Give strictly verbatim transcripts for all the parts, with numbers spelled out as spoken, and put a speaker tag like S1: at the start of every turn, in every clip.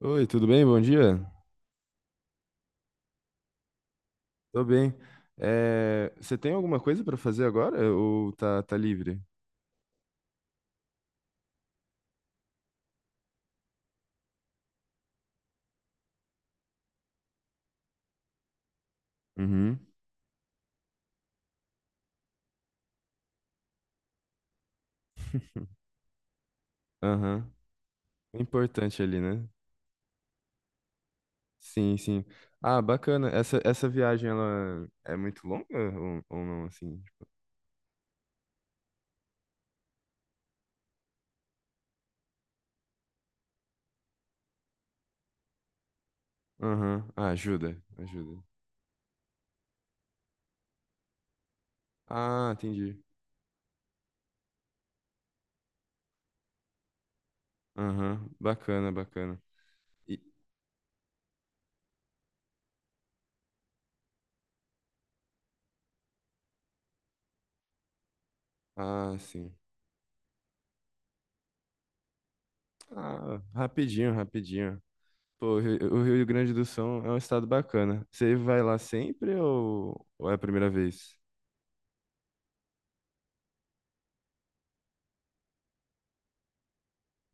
S1: Oi, tudo bem? Bom dia. Tô bem. É, você tem alguma coisa pra fazer agora ou tá, tá livre? Uhum. Aham. É importante ali, né? Sim, sim. Ah, bacana. Essa, essa viagem, ela é muito longa ou, ou não, assim? Aham. Ah, ajuda, ajuda. Ah, entendi. Aham. Bacana, bacana. E- ah, sim. Ah, rapidinho, rapidinho. Pô, o Rio o Rio Grande do Sul é um estado bacana. Você vai lá sempre ou, ou é a primeira vez?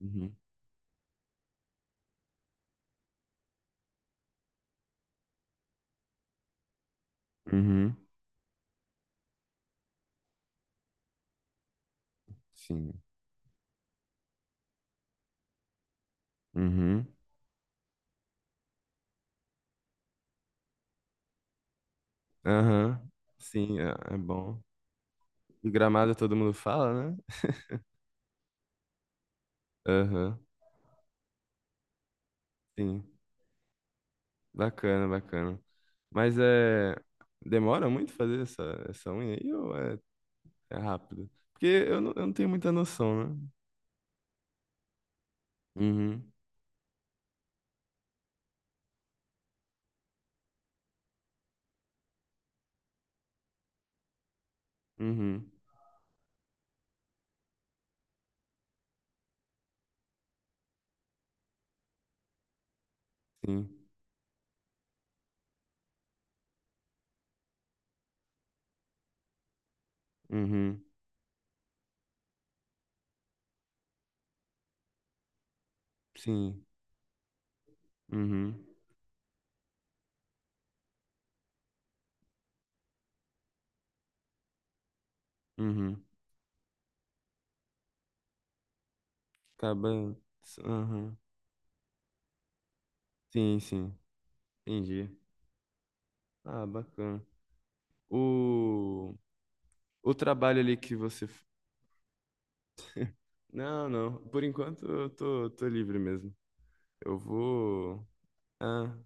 S1: Uhum. Uhum. Sim. Uhum. Aham. Sim, é, é bom. E Gramado todo mundo fala, né? Aham. Sim. Bacana, bacana. Mas é. Demora muito fazer essa, essa unha aí ou é, é rápido? Porque eu não, eu não tenho muita noção, né? Uhum. Uhum. Sim. Uhum. Sim. Uhum. Uhum. Acaba. Aham. Sim, sim. Entendi. Ah, bacana. O, o trabalho ali que você. f- Não, não. Por enquanto eu tô, tô livre mesmo. Eu vou. Ah,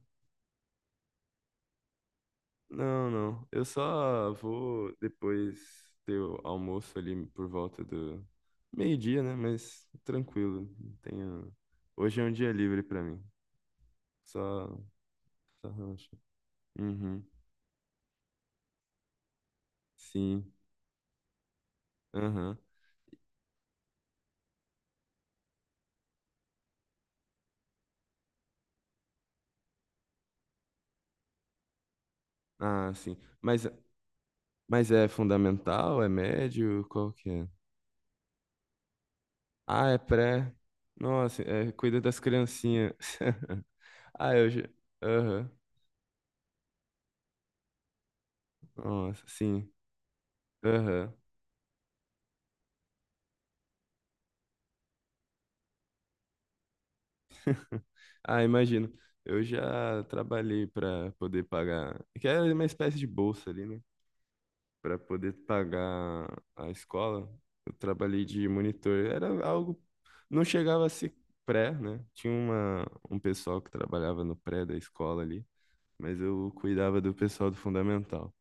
S1: não, não. Eu só vou depois ter o almoço ali por volta do meio-dia, né? Mas tranquilo. Tenho... Hoje é um dia livre pra mim. Só, só relaxa. Uhum. Sim. Aham. Ah, sim. Mas Mas é fundamental? É médio? Qual que é? Ah, é pré. Nossa, é, cuida das criancinhas. Ah, eu já. Aham. Nossa, sim. Aham. Ah, imagino. Eu já trabalhei para poder pagar. Que era uma espécie de bolsa ali, né? Para poder pagar a escola. Eu trabalhei de monitor. Era algo. Não chegava a ser pré, né? Tinha uma... um pessoal que trabalhava no pré da escola ali. Mas eu cuidava do pessoal do fundamental.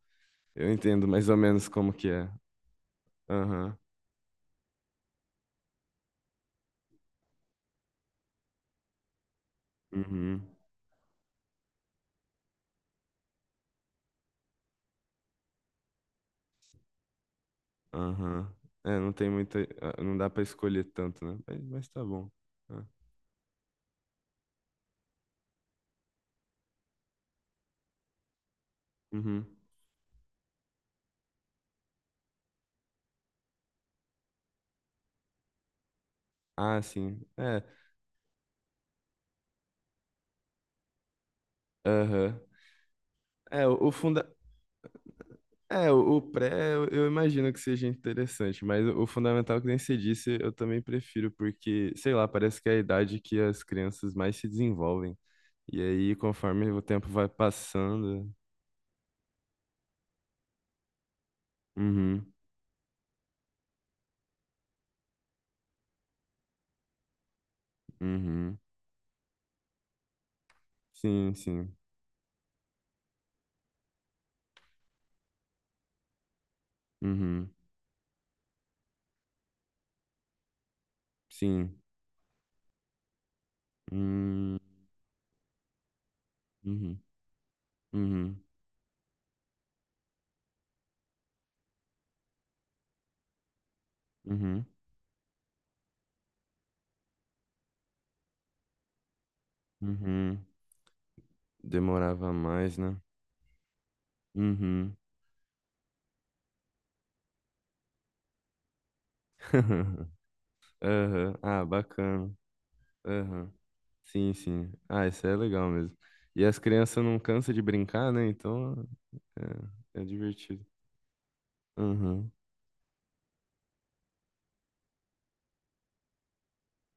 S1: Eu entendo mais ou menos como que é. Aham, uhum, aham. É, não tem muita, ah, não dá pra escolher tanto, né? Mas, mas tá bom. Ah, uhum. Ah, sim. É, aham. É, o, o funda... É, o, o pré, eu, eu imagino que seja interessante, mas o, o fundamental que nem você disse, eu também prefiro, porque, sei lá, parece que é a idade que as crianças mais se desenvolvem. E aí, conforme o tempo vai passando. Uhum, uhum. Sim, sim. Uhum. Sim. Hum, uhum. Uhum. Uhum. Uhum. Demorava mais, né? Uhum. Aham. Ah, bacana. Aham. Sim, sim. Ah, isso é legal mesmo. E as crianças não cansam de brincar, né? Então é, é divertido. Uhum.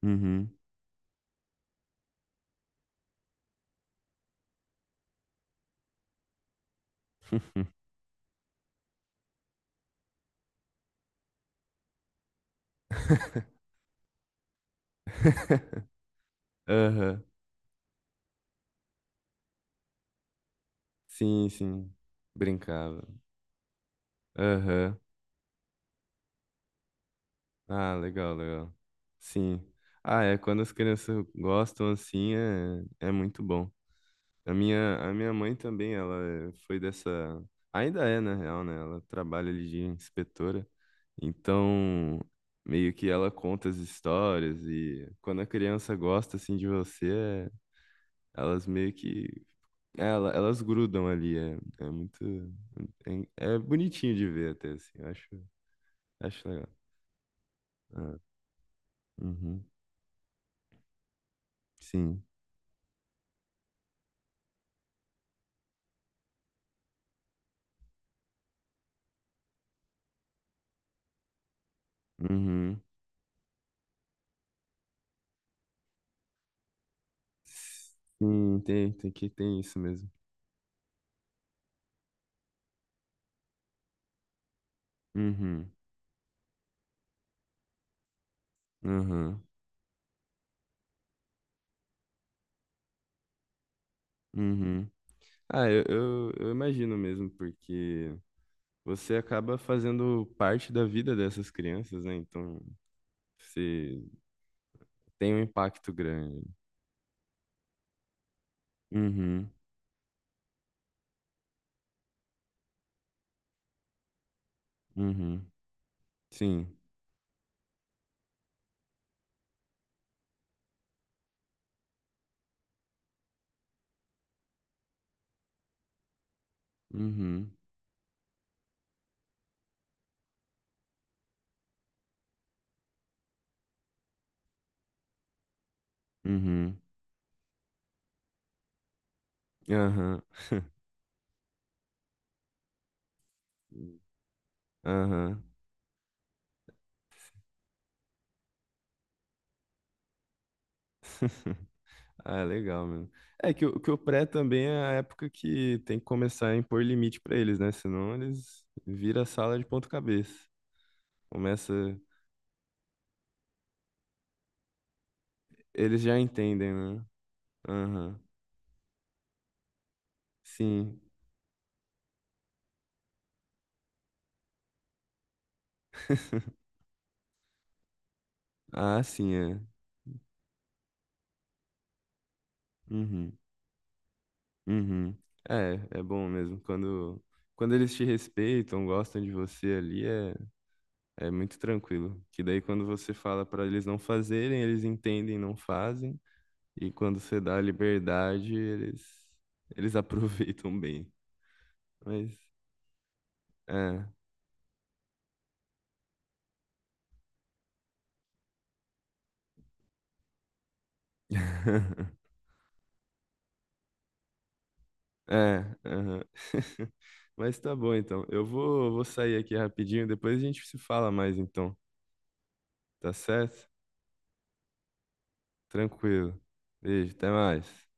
S1: Uhum. Aham. Sim, sim. Brincava. Aham. Ah, legal, legal. Sim. Ah, é, quando as crianças gostam assim, é, é muito bom. A minha, a minha mãe também, ela é- foi dessa. Ainda é, na real, né? Ela trabalha ali de inspetora. Então, meio que ela conta as histórias e quando a criança gosta assim de você, é- elas meio que. É, ela, elas grudam ali. É, é muito. É, é bonitinho de ver até, assim. Eu acho, acho legal. Ah, uhum, sim. Uhum. Sim, tem, tem que tem isso mesmo. Uhum, uhum, uhum. Ah, eu, eu, eu imagino mesmo, porque você acaba fazendo parte da vida dessas crianças, né? Então, você tem um impacto grande. Uhum, uhum, sim. Uhum, uhum, aham, aham. Ah, legal mesmo. É que, o- que o pré também é a época que tem que começar a impor limite pra eles, né? Senão eles viram a sala de ponta cabeça. Começa. Eles já entendem, né? Aham. Sim. Ah, sim, é. Uhum. Uhum. É, é bom mesmo. Quando, quando eles te respeitam, gostam de você ali, é, é muito tranquilo. Que daí, quando você fala para eles não fazerem, eles entendem, e não fazem. E quando você dá a liberdade, eles, eles aproveitam bem. Mas, é. É, aham. Mas tá bom então. Eu vou, vou sair aqui rapidinho, depois a gente se fala mais então, tá certo? Tranquilo. Beijo, até mais.